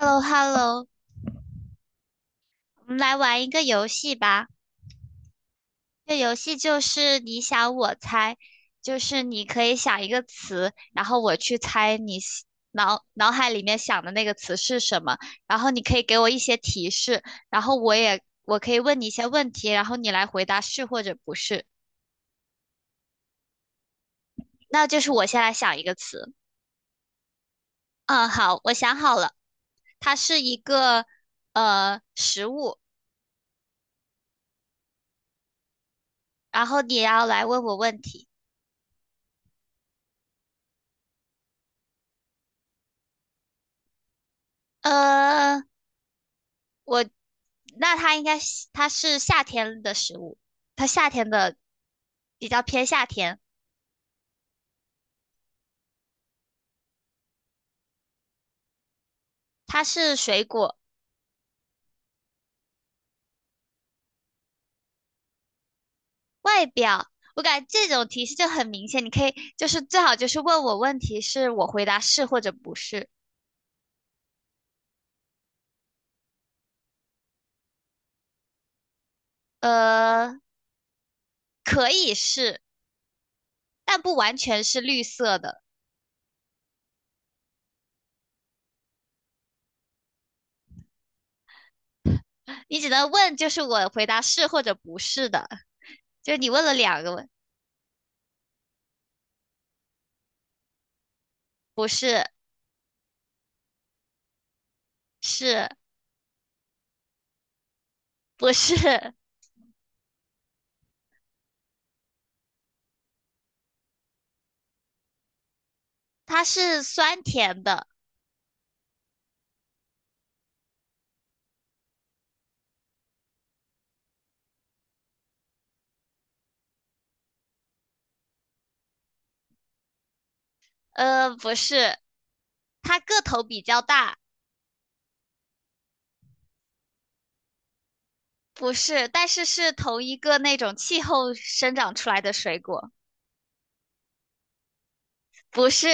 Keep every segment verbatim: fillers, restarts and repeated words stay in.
h e l l o h e l l o 我们来玩一个游戏吧。这游戏就是你想我猜，就是你可以想一个词，然后我去猜你喜脑脑海里面想的那个词是什么，然后你可以给我一些提示，然后我也我可以问你一些问题，然后你来回答是或者不是。那就是我先来想一个词。嗯，好，我想好了，它是一个呃食物，然后你要来问我问题。呃，我那它应该是它是夏天的食物，它夏天的比较偏夏天，它是水果。外表，我感觉这种提示就很明显，你可以就是最好就是问我问题，是我回答是或者不是。呃，可以是，但不完全是绿色的，你只能问就是我回答是或者不是的。就是你问了两个问，是是不是？它是酸甜的。呃，不是，它个头比较大，不是，但是是同一个那种气候生长出来的水果，不是，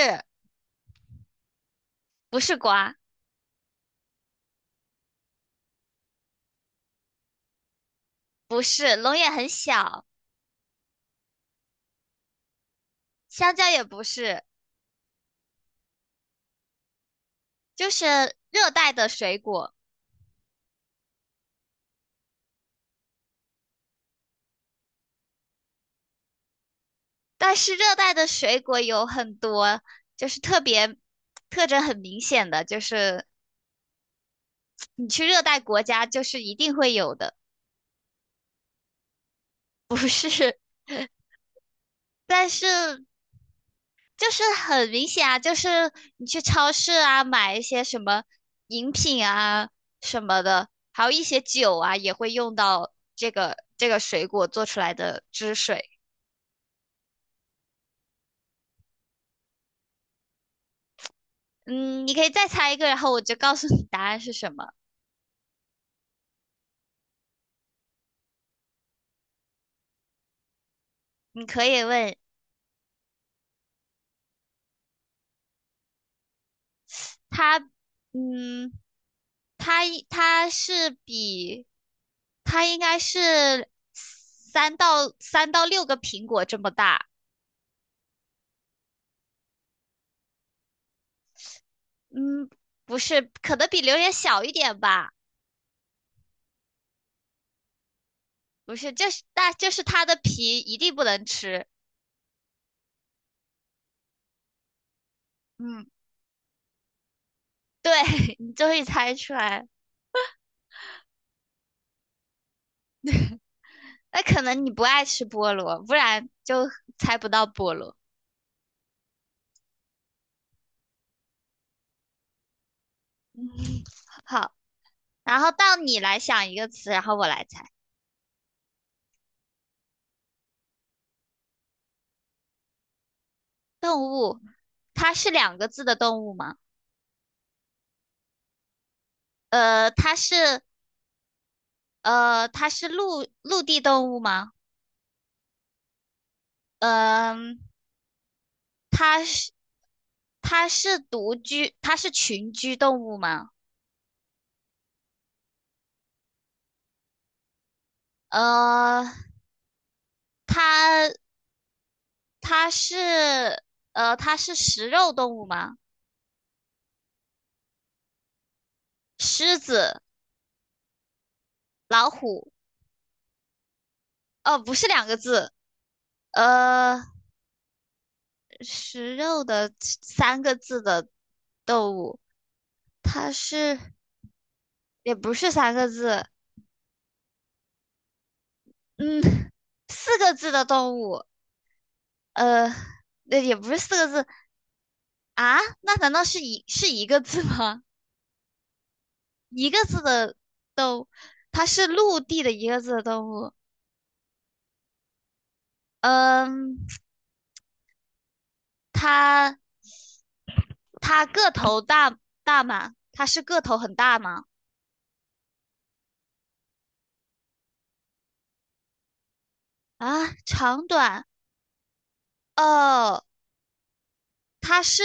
不是瓜，不是，龙眼很小，香蕉也不是，就是热带的水果。但是热带的水果有很多，就是特别特征很明显的，就是你去热带国家就是一定会有的，不是，但是就是很明显啊，就是你去超市啊买一些什么饮品啊什么的，还有一些酒啊，也会用到这个这个水果做出来的汁水。嗯，你可以再猜一个，然后我就告诉你答案是什么。你可以问它，嗯，它它是比它应该是三到三到六个苹果这么大，嗯，不是，可能比榴莲小一点吧。不是，就是但就是它的皮一定不能吃。嗯，对，你终于猜出来了那可能你不爱吃菠萝，不然就猜不到菠萝。嗯好，然后到你来想一个词，然后我来猜。动物，它是两个字的动物吗？呃，它是呃，它是陆陆地动物吗？嗯、它是它是独居，它是群居动物吗？呃，它它是呃，它是食肉动物吗？狮子、老虎，哦，不是两个字，呃，食肉的三个字的动物，它是也不是三个字，嗯，四个字的动物，呃，那也不是四个字啊？那难道是一是一个字吗？一个字的，它是陆地的一个字的动物，嗯，它它个头大大吗？它是个头很大吗？啊，长短哦，它是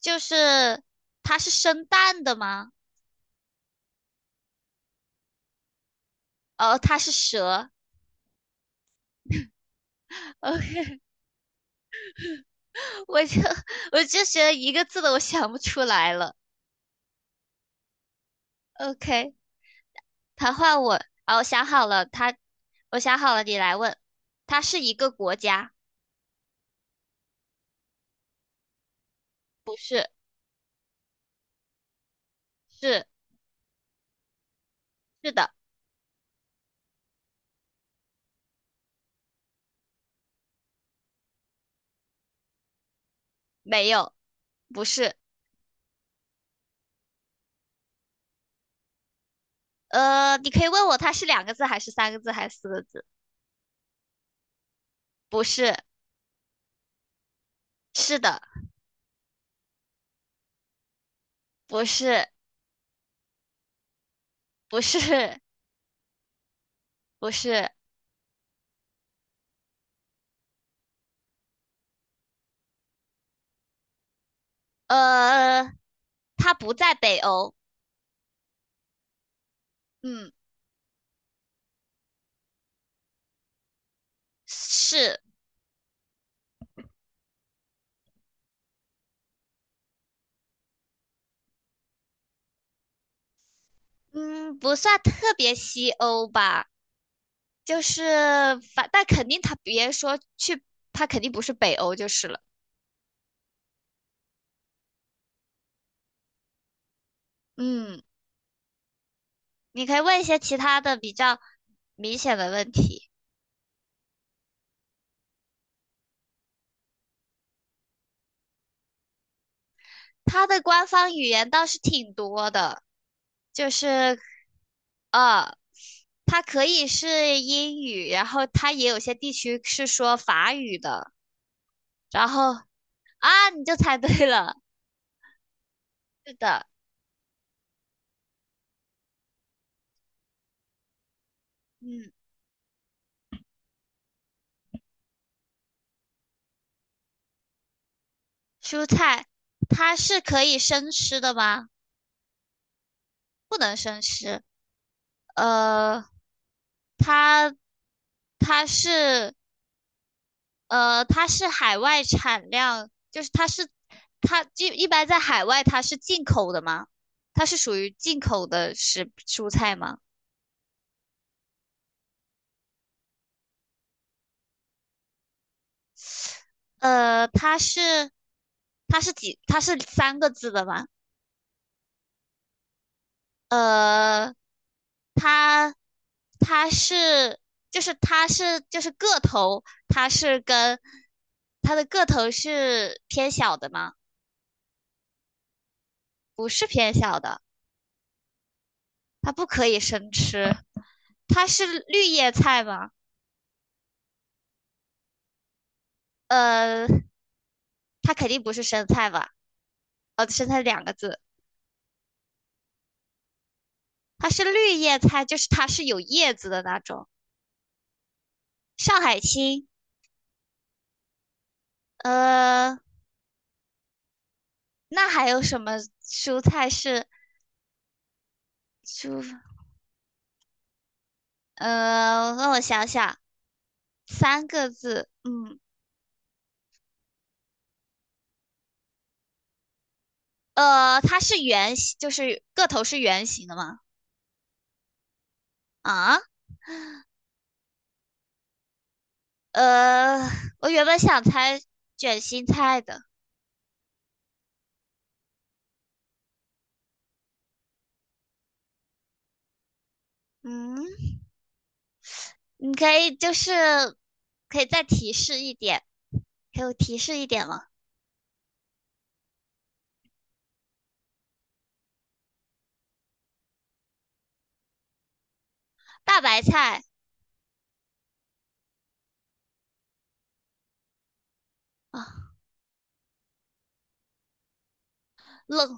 就是它是生蛋的吗？哦，它是蛇。OK，我就我就觉得一个字的我想不出来了。OK，它换我，哦，我想好了，它我想好了，你来问。它是一个国家，是是的，没有，不是。呃，你可以问我它是两个字还是三个字还是四个字？不是，是的，不是，不是，不是，呃，它不在北欧，嗯，是，嗯，不算特别西欧吧，就是反，但肯定它别说去，它肯定不是北欧就是了，嗯，你可以问一些其他的比较明显的问题，它的官方语言倒是挺多的，就是呃，它可以是英语，然后它也有些地区是说法语的。然后啊，你就猜对了，是的，嗯，蔬菜它是可以生吃的吗？不能生吃，呃，它它是呃它是海外产量，就是它是它就一般在海外它是进口的吗？它是属于进口的食蔬菜吗？呃，它是它是几它是三个字的吗？呃，它它是就是它是就是个头，它是跟它的个头是偏小的吗？不是偏小的，它不可以生吃。它是绿叶菜吗？呃，它肯定不是生菜吧？哦，生菜两个字，它是绿叶菜，就是它是有叶子的那种。上海青，呃，那还有什么蔬菜是蔬？呃，让我想想，三个字，嗯，呃，它是圆形，就是个头是圆形的吗？啊，呃，我原本想猜卷心菜的，嗯，你可以就是可以再提示一点，给我提示一点吗？大白菜啊，冷，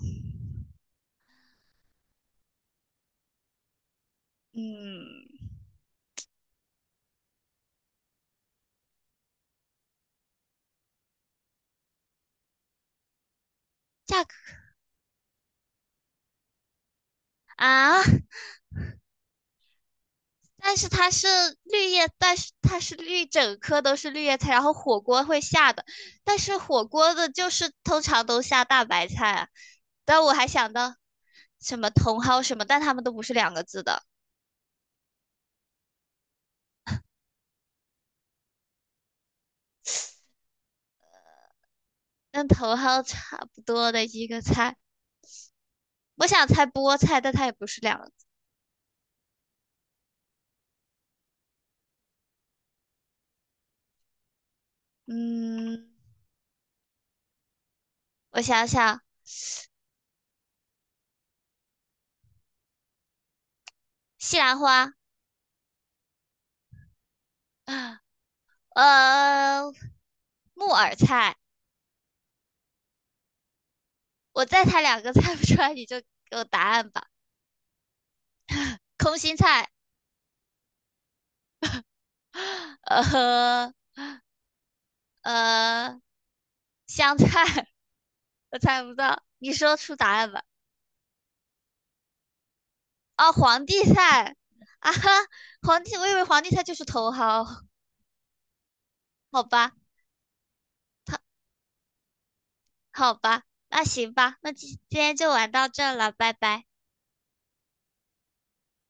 嗯，价格啊，但是它是绿叶，但是它是绿，整颗都是绿叶菜，然后火锅会下的，但是火锅的就是通常都下大白菜啊。但我还想到什么茼蒿什么，但它们都不是两个字的，跟茼蒿差不多的一个菜。我想猜菠菜，但它也不是两个字。嗯，我想想，西兰花，呃，木耳菜。我再猜两个 猜不出来，你就给我答案吧。空心菜。呃，呃，香菜，我猜不到，你说出答案吧。哦，皇帝菜啊哈，皇帝，我以为皇帝菜就是茼蒿，好吧，他好吧，那行吧，那今今天就玩到这了，拜拜。